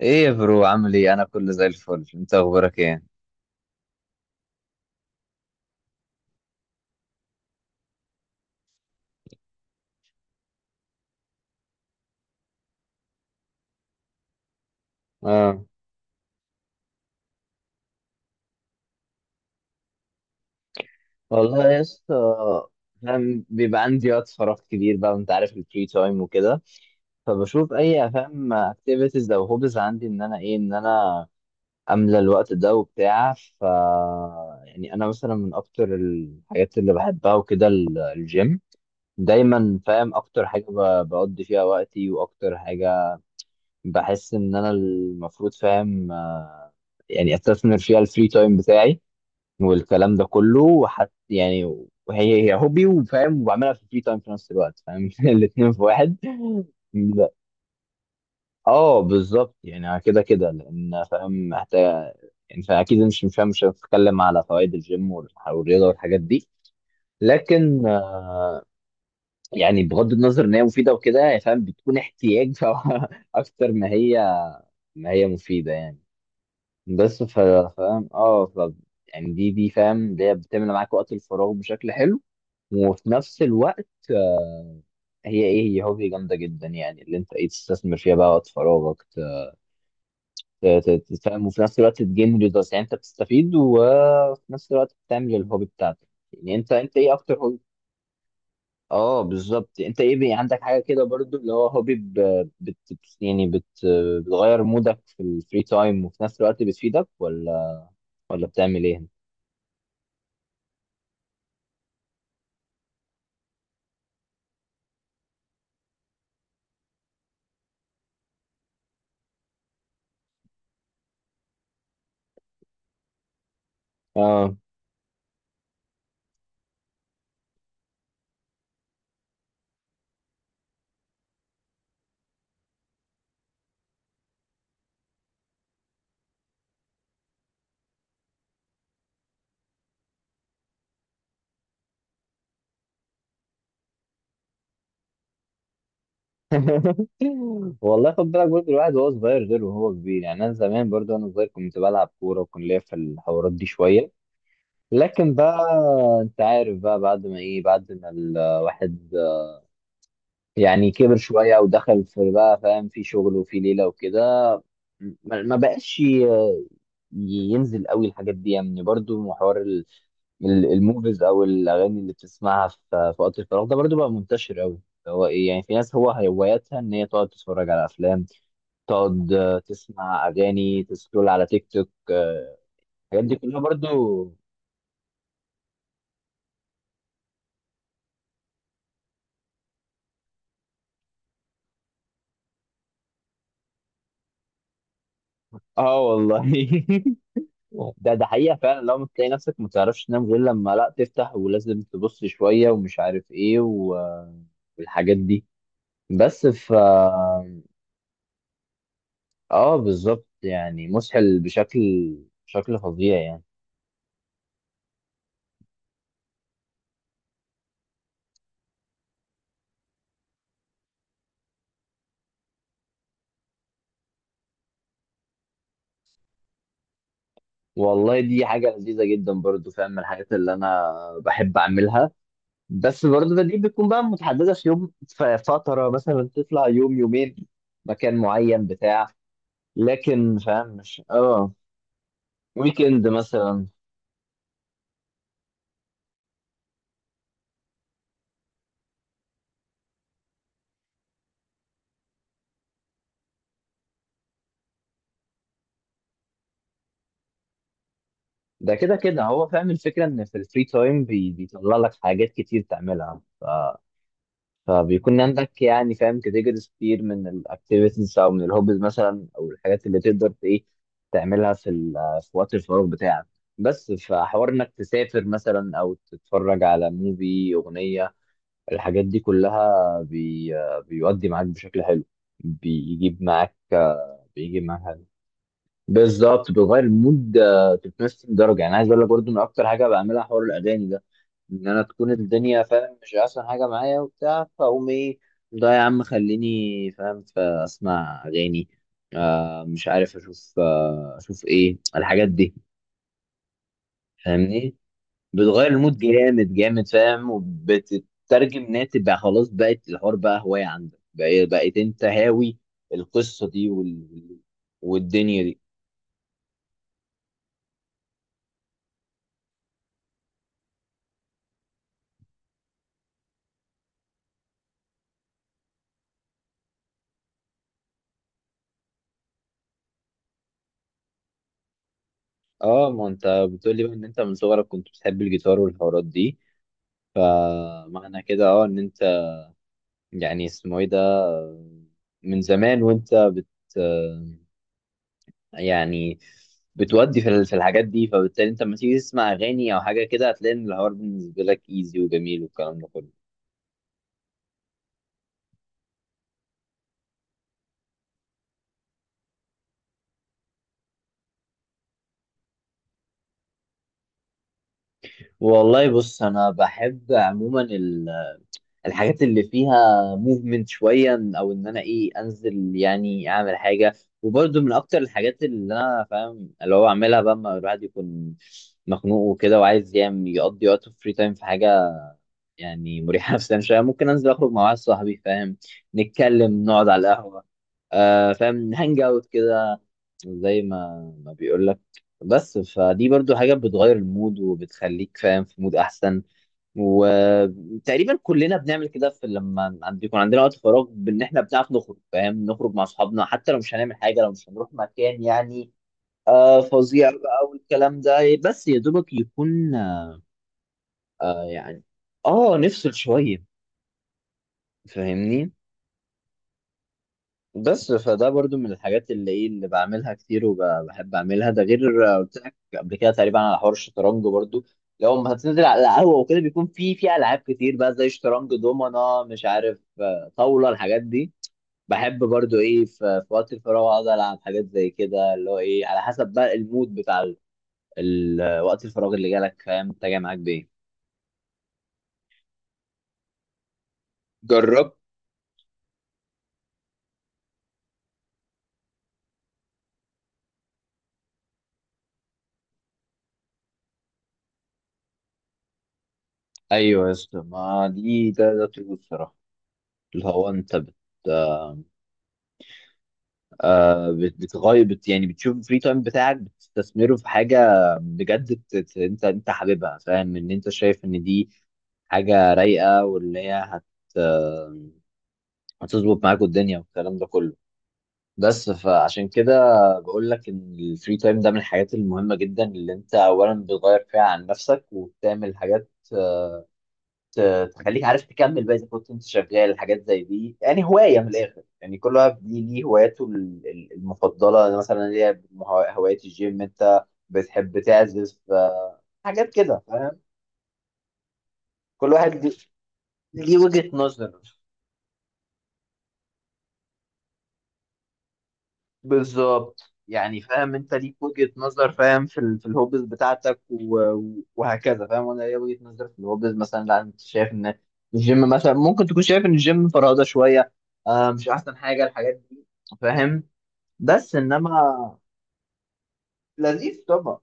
ايه يا برو عامل ايه؟ انا كله زي الفل، انت اخبارك ايه؟ اه والله يا اسطى، فاهم، بيبقى عندي وقت فراغ كبير بقى، وانت عارف الفري تايم وكده، فبشوف اي فاهم اكتيفيتيز او هوبز عندي، ان انا ايه، ان انا املى الوقت ده وبتاع. ف يعني انا مثلا من اكتر الحاجات اللي بحبها وكده الجيم. دايما فاهم اكتر حاجه بقضي فيها وقتي واكتر حاجه بحس ان انا المفروض فاهم، يعني استثمر فيها الفري تايم بتاعي والكلام ده كله. وحت يعني، وهي هي هوبي، وفاهم، وبعملها في فري تايم، في نفس الوقت فاهم، الاثنين في واحد. لا. اه بالظبط، يعني كده كده، لان فاهم محتاج. يعني فاكيد مش هتكلم على فوائد الجيم والرياضه والحاجات دي، لكن آه، يعني بغض النظر ان هي مفيده وكده، يعني فاهم بتكون احتياج، اكتر ما هي، ما هي مفيده يعني. بس فاهم. اه ف يعني دي فاهم اللي هي بتملى معاك وقت الفراغ بشكل حلو، وفي نفس الوقت آه، هي هوبي جامده جدا، يعني اللي انت ايه تستثمر فيها بقى وقت فراغك، تفهم، وفي نفس الوقت تجين ريزلتس، يعني انت بتستفيد وفي نفس الوقت بتعمل الهوبي بتاعتك. يعني انت ايه اكتر هوبي؟ اه بالظبط، انت ايه، بي عندك حاجه كده برضو اللي هو هوبي، ب- بت يعني بت بتغير مودك في الفري تايم، وفي نفس الوقت بتفيدك، ولا بتعمل ايه؟ اه. والله خد بالك برضه، الواحد وهو صغير غير وهو كبير، يعني انا زمان برضه وانا صغير كنت بلعب كوره وكنت ليا في الحوارات دي شويه، لكن بقى انت عارف بقى، بعد ما ايه، بعد ما الواحد يعني كبر شويه ودخل في بقى فاهم في شغل وفي ليله وكده، ما بقاش ينزل قوي الحاجات دي يعني. برضه حوار الموفيز او الاغاني اللي بتسمعها في في وقت الفراغ ده، برضو بقى منتشر قوي. هو ايه، يعني في ناس هو هواياتها ان هي تقعد تتفرج على افلام، تقعد آه، تسمع اغاني، تسكرول على تيك توك، آه، الحاجات دي كلها برضو. اه والله. ده حقيقة فعلا، لو بتلاقي نفسك ما تعرفش تنام غير لما لا تفتح، ولازم تبص شوية ومش عارف ايه والحاجات دي، بس ف اه بالظبط يعني مسحل بشكل، بشكل فظيع يعني. والله دي حاجة لذيذة جدا، برضو فاهم من الحاجات اللي أنا بحب أعملها، بس برضو دي بتكون بقى متحددة في يوم، في فترة مثلا تطلع يوم يومين مكان معين بتاع، لكن فاهم مش اه ويكند مثلا. ده كده كده هو فاهم الفكرة، إن في الفري تايم بيطلع لك حاجات كتير تعملها، فبيكون عندك يعني فاهم كاتيجوريز كتير من الاكتيفيتيز او من الهوبز مثلا، او الحاجات اللي تقدر ايه تعملها في في وقت الفراغ بتاعك. بس فحوار انك تسافر مثلا، او تتفرج على موفي، اغنيه، الحاجات دي كلها بي بيودي معاك بشكل حلو. بيجيب معاك بيجيب معاك بالظبط، بتغير المود آه، 360 درجه. يعني عايز اقول لك برضو ان اكتر حاجه بعملها حوار الاغاني ده، ان انا تكون الدنيا فاهم مش احسن حاجه معايا وبتاع، فاقوم ايه، ده يا عم خليني فاهم فاسمع اغاني، آه مش عارف اشوف، آه اشوف ايه الحاجات دي. فاهمني؟ بتغير المود جامد فاهم، وبتترجم انها تبقى خلاص، بقت الحوار بقى هوايه عندك، بقيت انت هاوي القصه دي والدنيا دي. اه ما انت بتقول لي بقى ان انت من صغرك كنت بتحب الجيتار والحوارات دي، فمعنى كده اه ان انت يعني اسمه ايه ده، من زمان وانت بت يعني بتودي في في الحاجات دي، فبالتالي انت لما تيجي تسمع اغاني او حاجه كده، هتلاقي ان الحوار بالنسبه لك ايزي وجميل والكلام ده كله. والله بص، انا بحب عموما الحاجات اللي فيها موفمنت شويه، او ان انا ايه انزل يعني اعمل حاجه. وبرده من اكتر الحاجات اللي انا فاهم اللي هو اعملها بقى لما الواحد يكون مخنوق وكده، وعايز يعمل يقضي وقته فري تايم في حاجه يعني مريحه نفسيا شويه، ممكن انزل اخرج مع واحد صاحبي فاهم، نتكلم، نقعد على القهوه، آه فاهم هانج اوت كده، زي ما بيقول لك. بس فدي برضو حاجه بتغير المود وبتخليك فاهم في مود احسن. وتقريبا كلنا بنعمل كده في لما يكون عندنا وقت فراغ، بان احنا بنعرف نخرج فاهم، نخرج مع اصحابنا حتى لو مش هنعمل حاجه، لو مش هنروح مكان يعني آه فظيع بقى والكلام ده. بس يا دوبك يكون آه يعني اه نفصل شويه، فاهمني؟ بس فده برضو من الحاجات اللي ايه اللي بعملها كتير وبحب اعملها. ده غير آه، قلت لك قبل كده تقريبا على حوار الشطرنج برضو، لو ما هتنزل على القهوه وكده، بيكون في في العاب كتير بقى، زي شطرنج، دومنا، مش عارف آه، طاوله، الحاجات دي. بحب برضو ايه في، في وقت الفراغ اقعد العب حاجات زي كده، اللي هو ايه على حسب بقى المود بتاع وقت الفراغ اللي جالك، فاهم انت جاي معاك بايه. جربت، ايوه يا اسطى، ما دي ده طول الصراحه اللي هو انت آه، بتغير بت يعني بتشوف الفري تايم بتاعك، بتستثمره في حاجه بجد، انت حاببها، فاهم ان انت شايف ان دي حاجه رايقه، واللي هي هت آه، هتظبط معاك الدنيا والكلام ده كله. بس فعشان كده بقول لك ان الفري تايم ده من الحاجات المهمه جدا، اللي انت اولا بتغير فيها عن نفسك، وبتعمل حاجات تخليك عارف تكمل بقى اذا كنت انت شغال حاجات زي دي، يعني هوايه من الاخر. يعني كل واحد ليه هواياته المفضله، انا مثلا ليا هوايه الجيم، انت بتحب تعزف آه، حاجات كده فاهم. كل واحد ليه وجهه نظر. بالظبط يعني فاهم، انت ليك وجهه نظر فاهم في في الهوبز بتاعتك و- و- وهكذا، فاهم، وانا ليا وجهه نظر في الهوبز مثلا، لا انت شايف ان الجيم مثلا، ممكن تكون شايف ان الجيم فرهده شويه آه، مش احسن حاجه، الحاجات دي فاهم، بس انما لذيذ طبعا.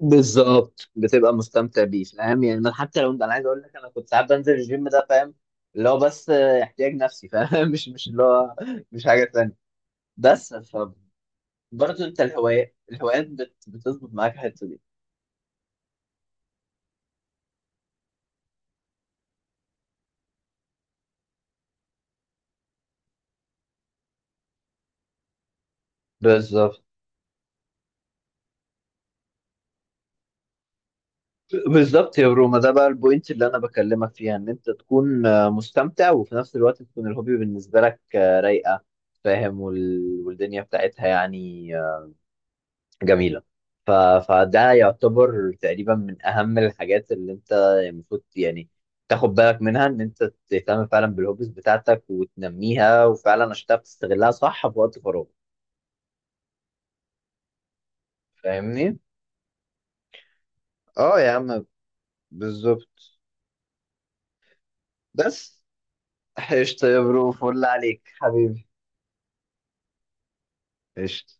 بالظبط، بتبقى مستمتع بيه، فاهم يعني، من حتى لو انا عايز اقول لك، انا كنت ساعات بنزل الجيم ده فاهم اللي هو بس آه، احتياج نفسي فاهم، مش اللي هو، مش حاجه تانية. بس فبرضه انت الهوايات، الهوايات بتظبط معاك الحته دي. بالظبط. بالظبط يا روما، ده بقى البوينت اللي انا بكلمك فيها، ان انت تكون آه، مستمتع، وفي نفس الوقت تكون الهوبي بالنسبه لك آه، رايقه، فاهم والدنيا بتاعتها يعني جميلة. ف... فده يعتبر تقريبا من أهم الحاجات اللي أنت المفروض يعني تاخد بالك منها، إن أنت تهتم فعلا بالهوبيز بتاعتك وتنميها، وفعلا عشان تعرف تستغلها صح في وقت فراغك. فاهمني؟ اه يا عم، بالظبط. بس قشطة يا برو، فل عليك حبيبي. قشطة.